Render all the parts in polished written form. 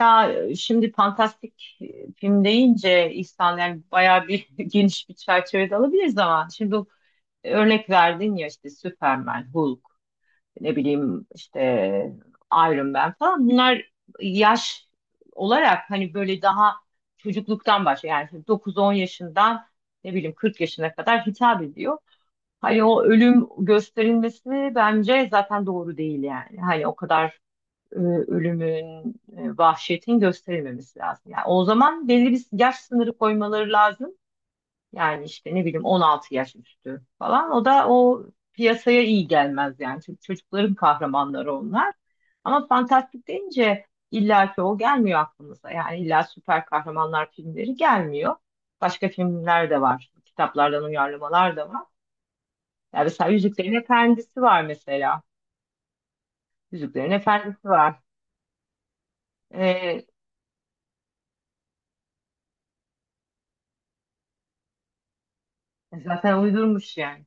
Ya şimdi fantastik film deyince İhsan yani bayağı bir geniş bir çerçevede alabiliriz ama şimdi bu örnek verdin ya işte Superman, Hulk, ne bileyim işte Iron Man falan bunlar yaş olarak hani böyle daha çocukluktan başlıyor. Yani 9-10 yaşından ne bileyim 40 yaşına kadar hitap ediyor. Hani o ölüm gösterilmesi bence zaten doğru değil yani. Hani o kadar e, ölümün, vahşetin gösterilmemesi lazım. Yani o zaman belli bir yaş sınırı koymaları lazım. Yani işte ne bileyim 16 yaş üstü falan. O da o piyasaya iyi gelmez yani. Çünkü çocukların kahramanları onlar. Ama fantastik deyince illa ki o gelmiyor aklımıza. Yani illa süper kahramanlar filmleri gelmiyor. Başka filmler de var. Kitaplardan uyarlamalar da var. Yani mesela Yüzüklerin Efendisi var mesela. Yüzüklerin Efendisi var. Ee, Zaten uydurmuş yani.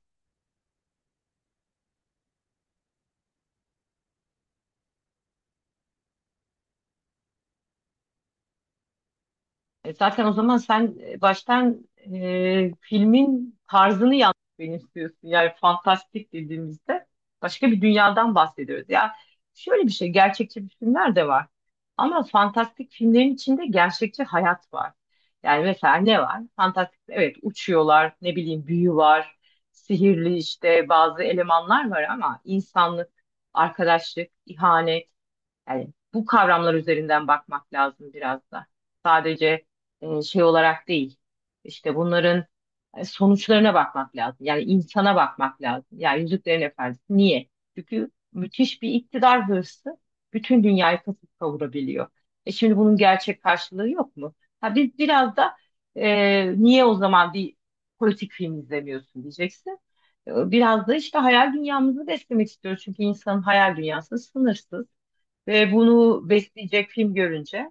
Zaten o zaman sen baştan filmin tarzını yanlış benimsiyorsun. Yani fantastik dediğimizde başka bir dünyadan bahsediyoruz. Ya şöyle bir şey, gerçekçi bir filmler de var. Ama fantastik filmlerin içinde gerçekçi hayat var. Yani mesela ne var? Fantastik, evet uçuyorlar, ne bileyim büyü var, sihirli işte bazı elemanlar var ama insanlık, arkadaşlık, ihanet. Yani bu kavramlar üzerinden bakmak lazım biraz da. Sadece şey olarak değil. İşte bunların sonuçlarına bakmak lazım. Yani insana bakmak lazım. Yani Yüzüklerin Efendisi niye? Çünkü müthiş bir iktidar hırsı bütün dünyayı kasıp kavurabiliyor. E şimdi bunun gerçek karşılığı yok mu? Ha biz biraz da niye o zaman bir politik film izlemiyorsun diyeceksin. Biraz da işte hayal dünyamızı beslemek istiyoruz. Çünkü insanın hayal dünyası sınırsız. Ve bunu besleyecek film görünce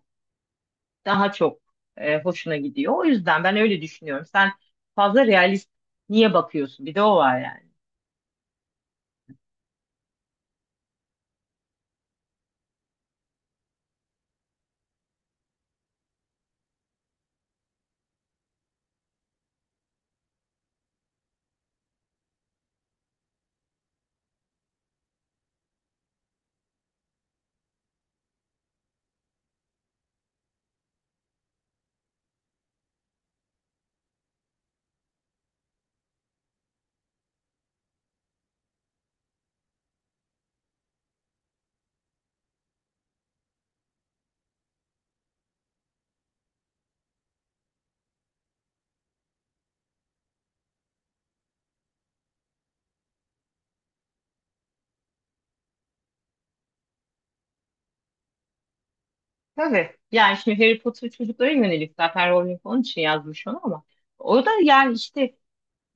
daha çok hoşuna gidiyor. O yüzden ben öyle düşünüyorum. Sen fazla realist niye bakıyorsun? Bir de o var yani. Tabii. Yani şimdi Harry Potter çocuklara yönelik zaten Rowling onun için yazmış onu ama o da yani işte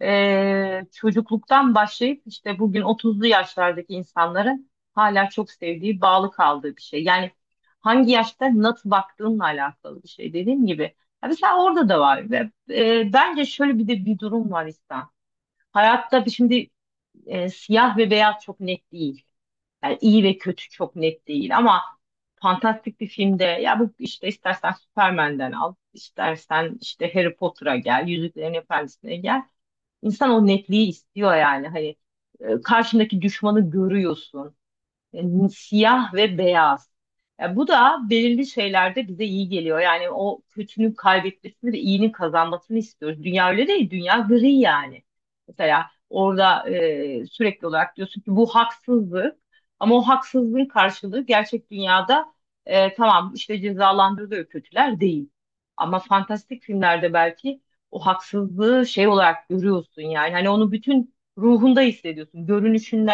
çocukluktan başlayıp işte bugün 30'lu yaşlardaki insanların hala çok sevdiği, bağlı kaldığı bir şey. Yani hangi yaşta nasıl baktığınla alakalı bir şey dediğim gibi. Ya mesela orada da var ve bence şöyle bir de bir durum var İhsan. Hayatta şimdi siyah ve beyaz çok net değil. Yani iyi ve kötü çok net değil ama fantastik bir filmde ya bu işte istersen Superman'den al, istersen işte Harry Potter'a gel, Yüzüklerin Efendisi'ne gel. İnsan o netliği istiyor yani. Hani karşındaki düşmanı görüyorsun e, siyah ve beyaz. Ya bu da belirli şeylerde bize iyi geliyor. Yani o kötünün kaybetmesini ve iyinin kazanmasını istiyoruz. Dünya öyle değil, dünya gri yani. Mesela orada sürekli olarak diyorsun ki bu haksızlık ama o haksızlığın karşılığı gerçek dünyada tamam işte cezalandırılıyor kötüler değil. Ama fantastik filmlerde belki o haksızlığı şey olarak görüyorsun yani hani onu bütün ruhunda hissediyorsun. Görünüşünde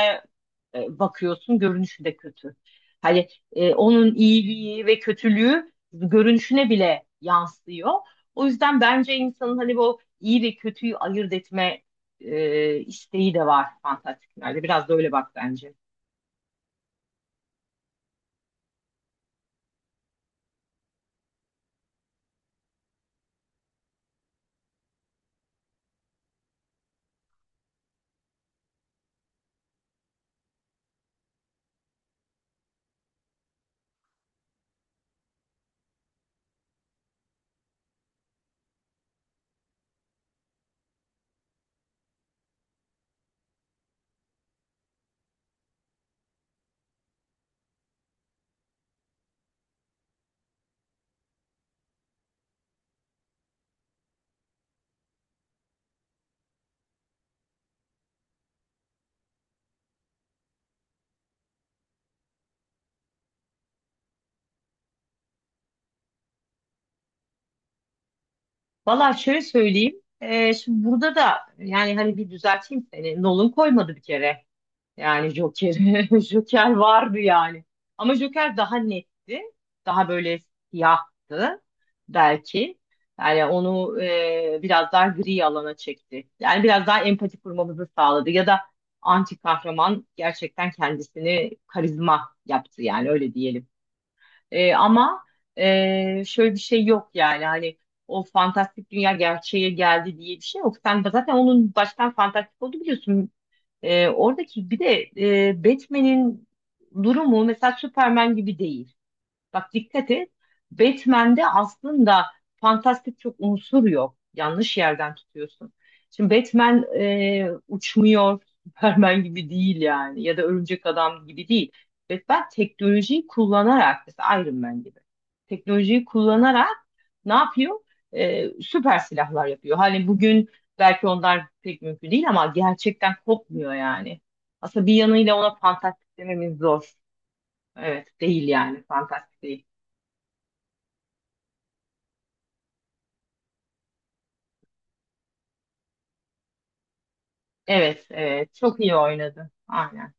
bakıyorsun görünüşü de kötü. Hani onun iyiliği ve kötülüğü görünüşüne bile yansıyor. O yüzden bence insanın hani bu iyi ve kötüyü ayırt etme isteği de var fantastiklerde. Biraz da öyle bak bence. Valla şöyle söyleyeyim. Şimdi burada da yani hani bir düzelteyim seni. Nolan koymadı bir kere. Yani Joker, Joker vardı yani. Ama Joker daha netti. Daha böyle siyahtı belki. Yani onu biraz daha gri alana çekti. Yani biraz daha empati kurmamızı sağladı. Ya da anti kahraman gerçekten kendisini karizma yaptı yani öyle diyelim. Ama şöyle bir şey yok yani hani o fantastik dünya gerçeğe geldi diye bir şey yok. Sen zaten onun baştan fantastik oldu biliyorsun. Oradaki bir de Batman'in durumu mesela Superman gibi değil. Bak dikkat et. Batman'de aslında fantastik çok unsur yok. Yanlış yerden tutuyorsun. Şimdi Batman uçmuyor. Superman gibi değil yani. Ya da Örümcek Adam gibi değil. Batman teknolojiyi kullanarak mesela Iron Man gibi. Teknolojiyi kullanarak ne yapıyor? Süper silahlar yapıyor. Hani bugün belki onlar pek mümkün değil ama gerçekten kopmuyor yani. Aslında bir yanıyla ona fantastik dememiz zor. Evet, değil yani fantastik değil. Evet, evet. Çok iyi oynadı. Aynen.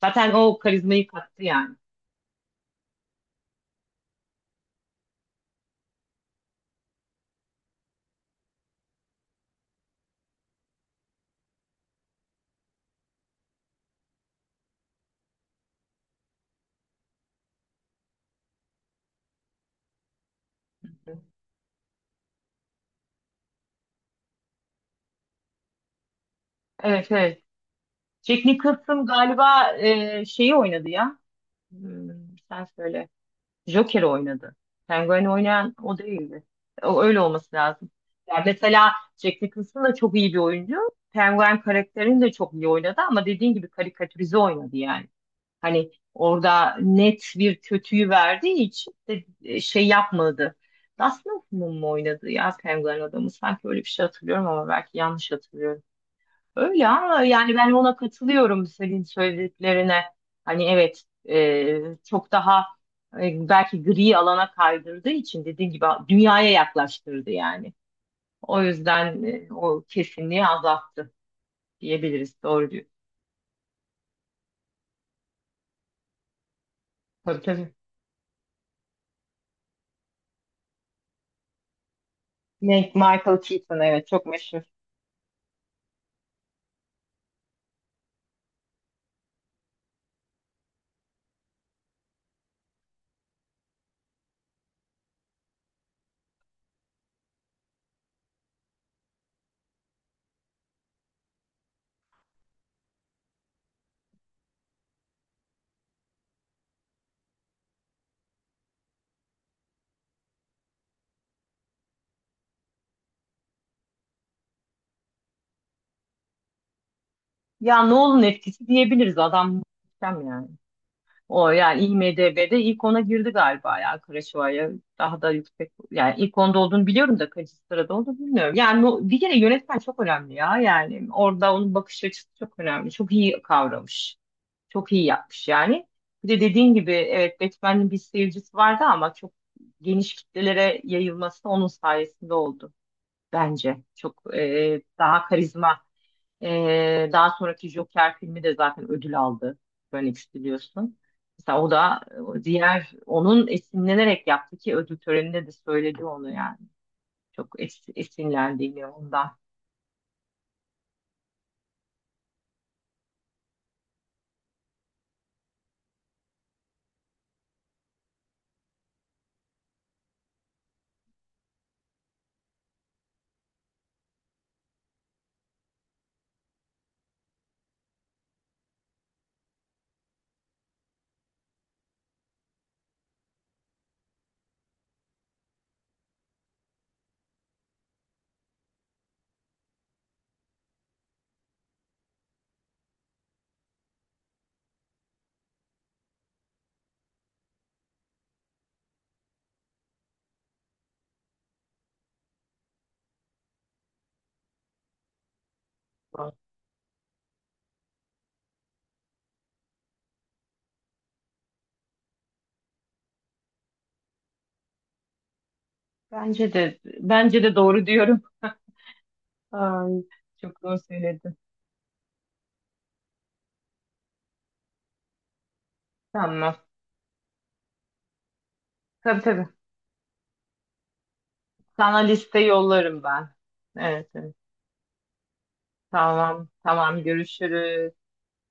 Zaten o karizmayı kattı yani. Evet, evet. Jack Nicholson galiba şeyi oynadı ya. Hmm, Sen söyle. Joker oynadı. Penguin oynayan o değildi. O, öyle olması lazım. Yani mesela Jack Nicholson da çok iyi bir oyuncu. Penguin karakterini de çok iyi oynadı ama dediğin gibi karikatürize oynadı yani. Hani orada net bir kötüyü verdiği için de şey yapmadı. Dustin Hoffman mı oynadı ya Penguin adamı? Sanki öyle bir şey hatırlıyorum ama belki yanlış hatırlıyorum. Öyle ama yani ben ona katılıyorum senin söylediklerine. Hani evet çok daha belki gri alana kaydırdığı için dediğin gibi dünyaya yaklaştırdı yani. O yüzden o kesinliği azalttı diyebiliriz. Doğru diyor. Tabii tabii. Ne, Michael Keaton evet çok meşhur. Ya Nolan etkisi diyebiliriz. Adam muhteşem yani. O yani IMDb'de ilk 10'a girdi galiba ya Kuroşawa'ya daha da yüksek yani ilk 10'da olduğunu biliyorum da kaçıncı sırada olduğunu bilmiyorum. Yani bir kere yönetmen çok önemli ya yani orada onun bakış açısı çok önemli. Çok iyi kavramış. Çok iyi yapmış yani. Bir de dediğin gibi evet Batman'in bir seyircisi vardı ama çok geniş kitlelere yayılması onun sayesinde oldu bence. Çok daha karizma daha sonraki Joker filmi de zaten ödül aldı. Phoenix biliyorsun. Mesela o da o diğer onun esinlenerek yaptı ki ödül töreninde de söyledi onu yani. Çok esinlendiğini ondan. Bence de bence de doğru diyorum. Ay, çok doğru söyledin. Tamam. Tabii tabii. Sana liste yollarım ben. Evet, evet. Tamam. Tamam görüşürüz.